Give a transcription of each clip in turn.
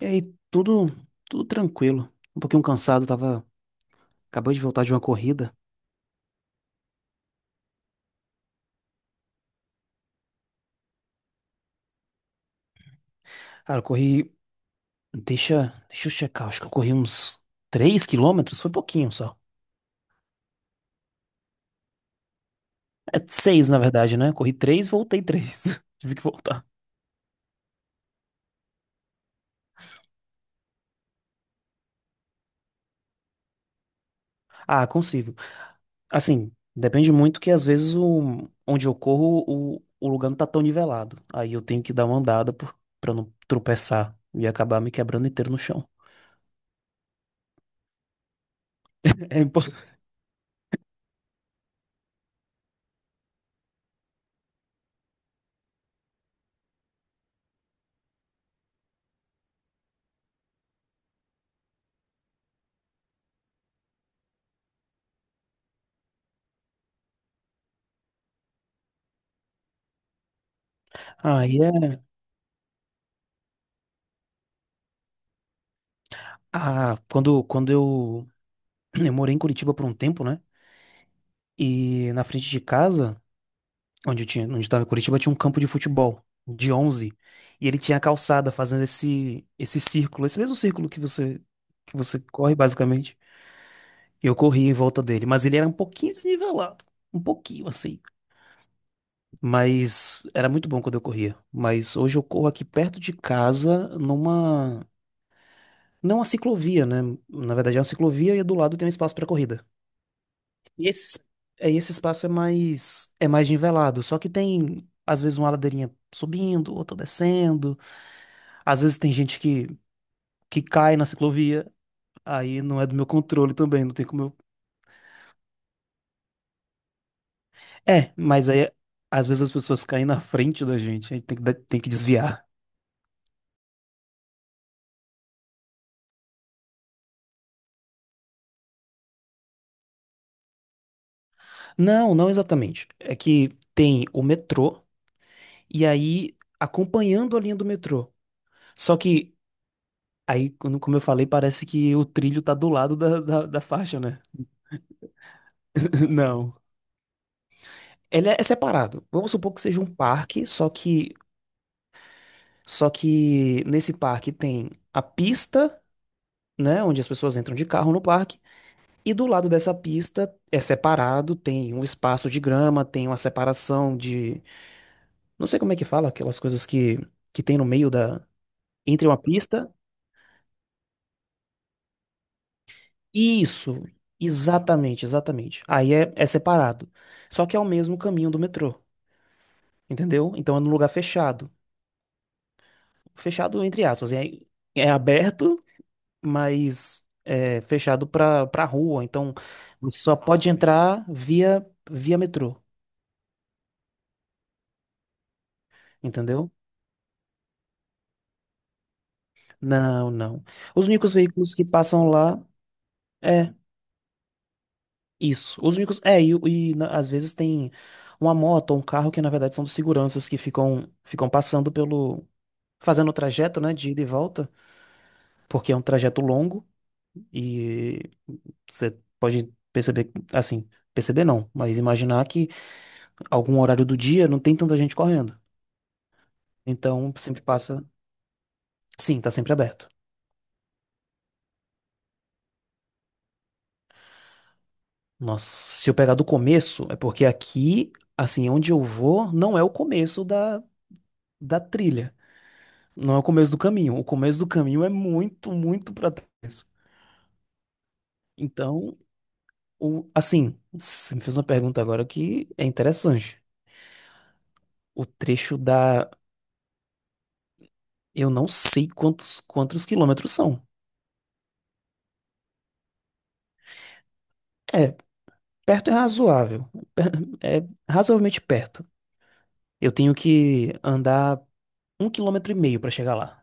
E aí, tudo, tranquilo. Um pouquinho cansado, tava. Acabei de voltar de uma corrida. Cara, eu corri. Deixa eu checar, acho que eu corri uns 3 quilômetros, foi pouquinho só. É seis na verdade, né? Corri três, voltei três. Tive que voltar. Ah, consigo. Assim, depende muito que às vezes onde eu corro, o lugar não tá tão nivelado. Aí eu tenho que dar uma andada pra não tropeçar e acabar me quebrando inteiro no chão. É importante. Aí é. Ah, quando, quando eu morei em Curitiba por um tempo, né? E na frente de casa, onde estava em Curitiba, tinha um campo de futebol de onze. E ele tinha a calçada fazendo esse círculo, esse mesmo círculo que você corre basicamente. E eu corri em volta dele, mas ele era um pouquinho desnivelado, um pouquinho assim. Mas era muito bom quando eu corria. Mas hoje eu corro aqui perto de casa numa não uma ciclovia, né? Na verdade é uma ciclovia e do lado tem um espaço para corrida. E esse, esse espaço é mais nivelado, só que tem às vezes uma ladeirinha subindo, outra descendo. Às vezes tem gente que cai na ciclovia, aí não é do meu controle também, não tem como eu. É, mas aí às vezes as pessoas caem na frente da gente, aí tem que desviar. Não, não exatamente. É que tem o metrô e aí acompanhando a linha do metrô. Só que aí, como eu falei, parece que o trilho tá do lado da, da faixa, né? Não. Ele é separado. Vamos supor que seja um parque, só que nesse parque tem a pista, né, onde as pessoas entram de carro no parque, e do lado dessa pista é separado, tem um espaço de grama, tem uma separação de, não sei como é que fala, aquelas coisas que tem no meio da entre uma pista. Isso, exatamente, exatamente. Aí é separado. Só que é o mesmo caminho do metrô, entendeu? Então é num lugar fechado. Fechado entre aspas, é aberto, mais é fechado para rua. Então, você só pode entrar via metrô, entendeu? Não, não. Os únicos veículos que passam lá é isso. Os únicos às vezes tem uma moto ou um carro que na verdade são dos seguranças que ficam passando pelo fazendo o trajeto, né, de ida e volta, porque é um trajeto longo e você pode perceber, assim, perceber não, mas imaginar que algum horário do dia não tem tanta gente correndo. Então, sempre passa. Sim, tá sempre aberto. Nossa, se eu pegar do começo, é porque aqui, assim, onde eu vou, não é o começo da trilha. Não é o começo do caminho. O começo do caminho é muito, muito pra trás. Então, assim, você me fez uma pergunta agora que é interessante. O trecho da. Eu não sei quantos quilômetros são. É, perto é razoável. Per- É razoavelmente perto. Eu tenho que andar um quilômetro e meio pra chegar lá.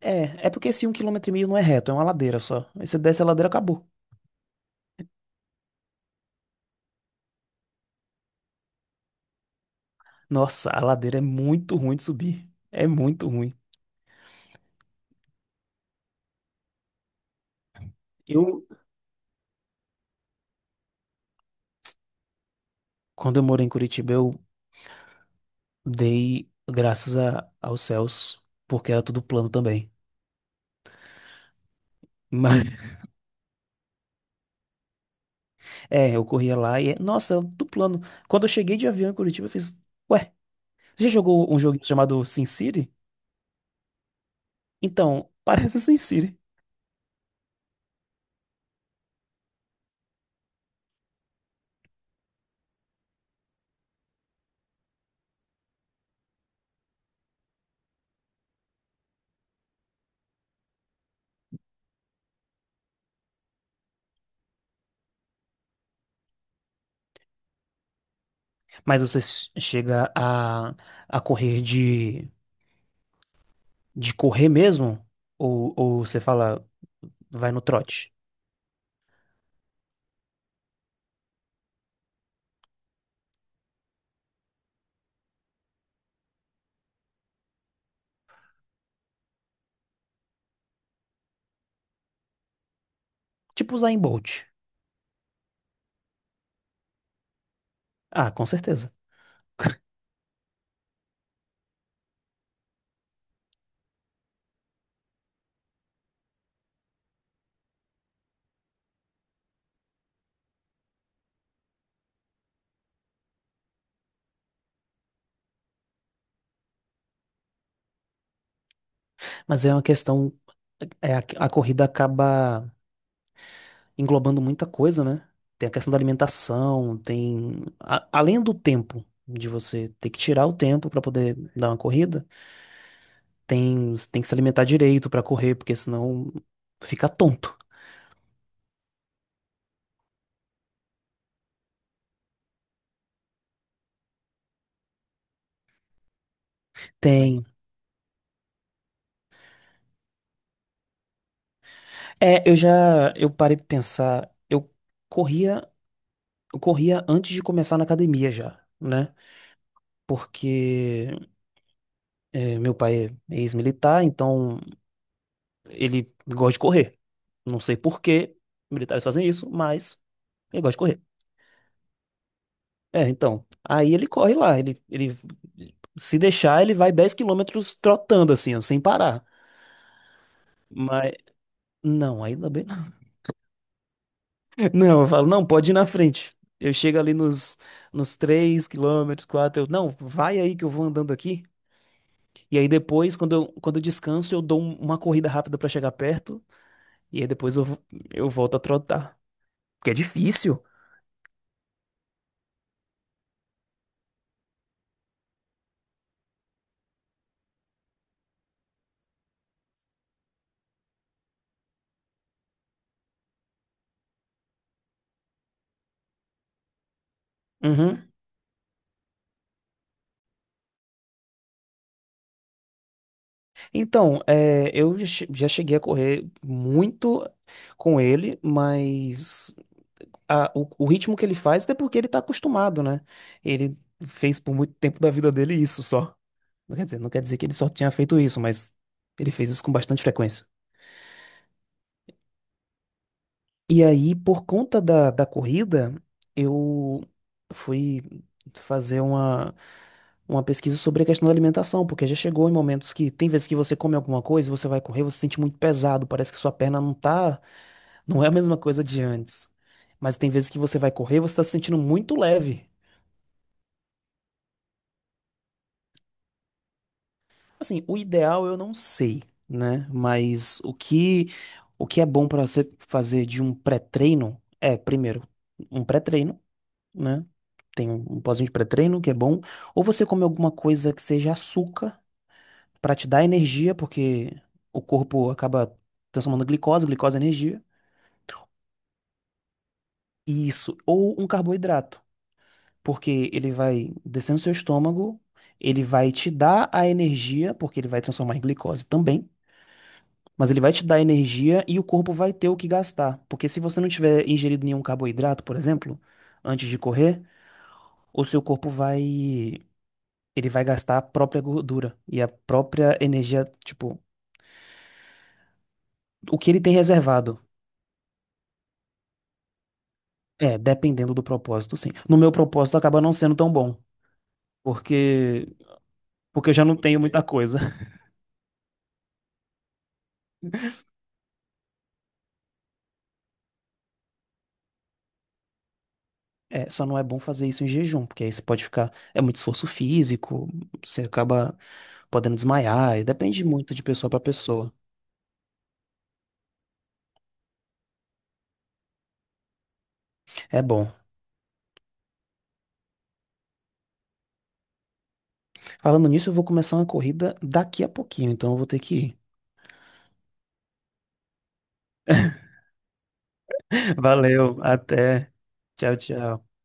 É porque esse um quilômetro e meio não é reto, é uma ladeira só. Aí você desce a ladeira, acabou. Nossa, a ladeira é muito ruim de subir. É muito ruim. Eu, quando eu morei em Curitiba, eu dei graças aos céus, porque era tudo plano também. Mas, eu corria lá e, nossa, era tudo plano. Quando eu cheguei de avião em Curitiba, eu fiz, ué, você já jogou um jogo chamado SimCity? Então, parece SimCity. Mas você chega a correr de, correr mesmo? Ou, você fala. Vai no trote. Tipo usar em Bolt. Ah, com certeza. Mas é uma questão. É, a corrida acaba englobando muita coisa, né? Tem a questão da alimentação, além do tempo, de você ter que tirar o tempo pra poder dar uma corrida, tem que se alimentar direito pra correr, porque senão fica tonto. Tem. É, eu parei pra pensar. Eu corria, eu corria antes de começar na academia já, né? Porque meu pai é ex-militar, então ele gosta de correr. Não sei por que militares fazem isso, mas ele gosta de correr. É, então, aí ele corre lá, ele, se deixar, ele vai 10 quilômetros trotando assim, ó, sem parar. Mas, não, ainda bem. Não, eu falo, não, pode ir na frente. Eu chego ali nos 3 quilômetros, 4. Eu, não, vai aí que eu vou andando aqui. E aí depois, quando eu descanso, eu dou uma corrida rápida pra chegar perto. E aí depois eu volto a trotar. Porque é difícil. Uhum. Então, eu já cheguei a correr muito com ele, mas o, ritmo que ele faz é porque ele tá acostumado, né? Ele fez por muito tempo da vida dele isso só. Não quer dizer que ele só tinha feito isso, mas ele fez isso com bastante frequência. E aí, por conta da corrida, eu fui fazer uma pesquisa sobre a questão da alimentação, porque já chegou em momentos que tem vezes que você come alguma coisa, você vai correr, você se sente muito pesado, parece que sua perna não é a mesma coisa de antes. Mas tem vezes que você vai correr, você tá se sentindo muito leve. Assim, o ideal eu não sei, né? Mas o que é bom para você fazer de um pré-treino é, primeiro, um pré-treino, né? Tem um pozinho de pré-treino que é bom, ou você come alguma coisa que seja açúcar para te dar energia, porque o corpo acaba transformando glicose, glicose é energia. Isso, ou um carboidrato, porque ele vai descendo seu estômago, ele vai te dar a energia, porque ele vai transformar em glicose também. Mas ele vai te dar energia e o corpo vai ter o que gastar. Porque se você não tiver ingerido nenhum carboidrato, por exemplo, antes de correr, o seu corpo vai. Ele vai gastar a própria gordura e a própria energia, tipo, o que ele tem reservado. É, dependendo do propósito, sim. No meu propósito acaba não sendo tão bom, porque porque eu já não tenho muita coisa. É, só não é bom fazer isso em jejum, porque aí você pode ficar, é muito esforço físico, você acaba podendo desmaiar, e depende muito de pessoa pra pessoa. É bom. Falando nisso, eu vou começar uma corrida daqui a pouquinho, então eu vou ter que ir. Valeu, até. Tchau, tchau.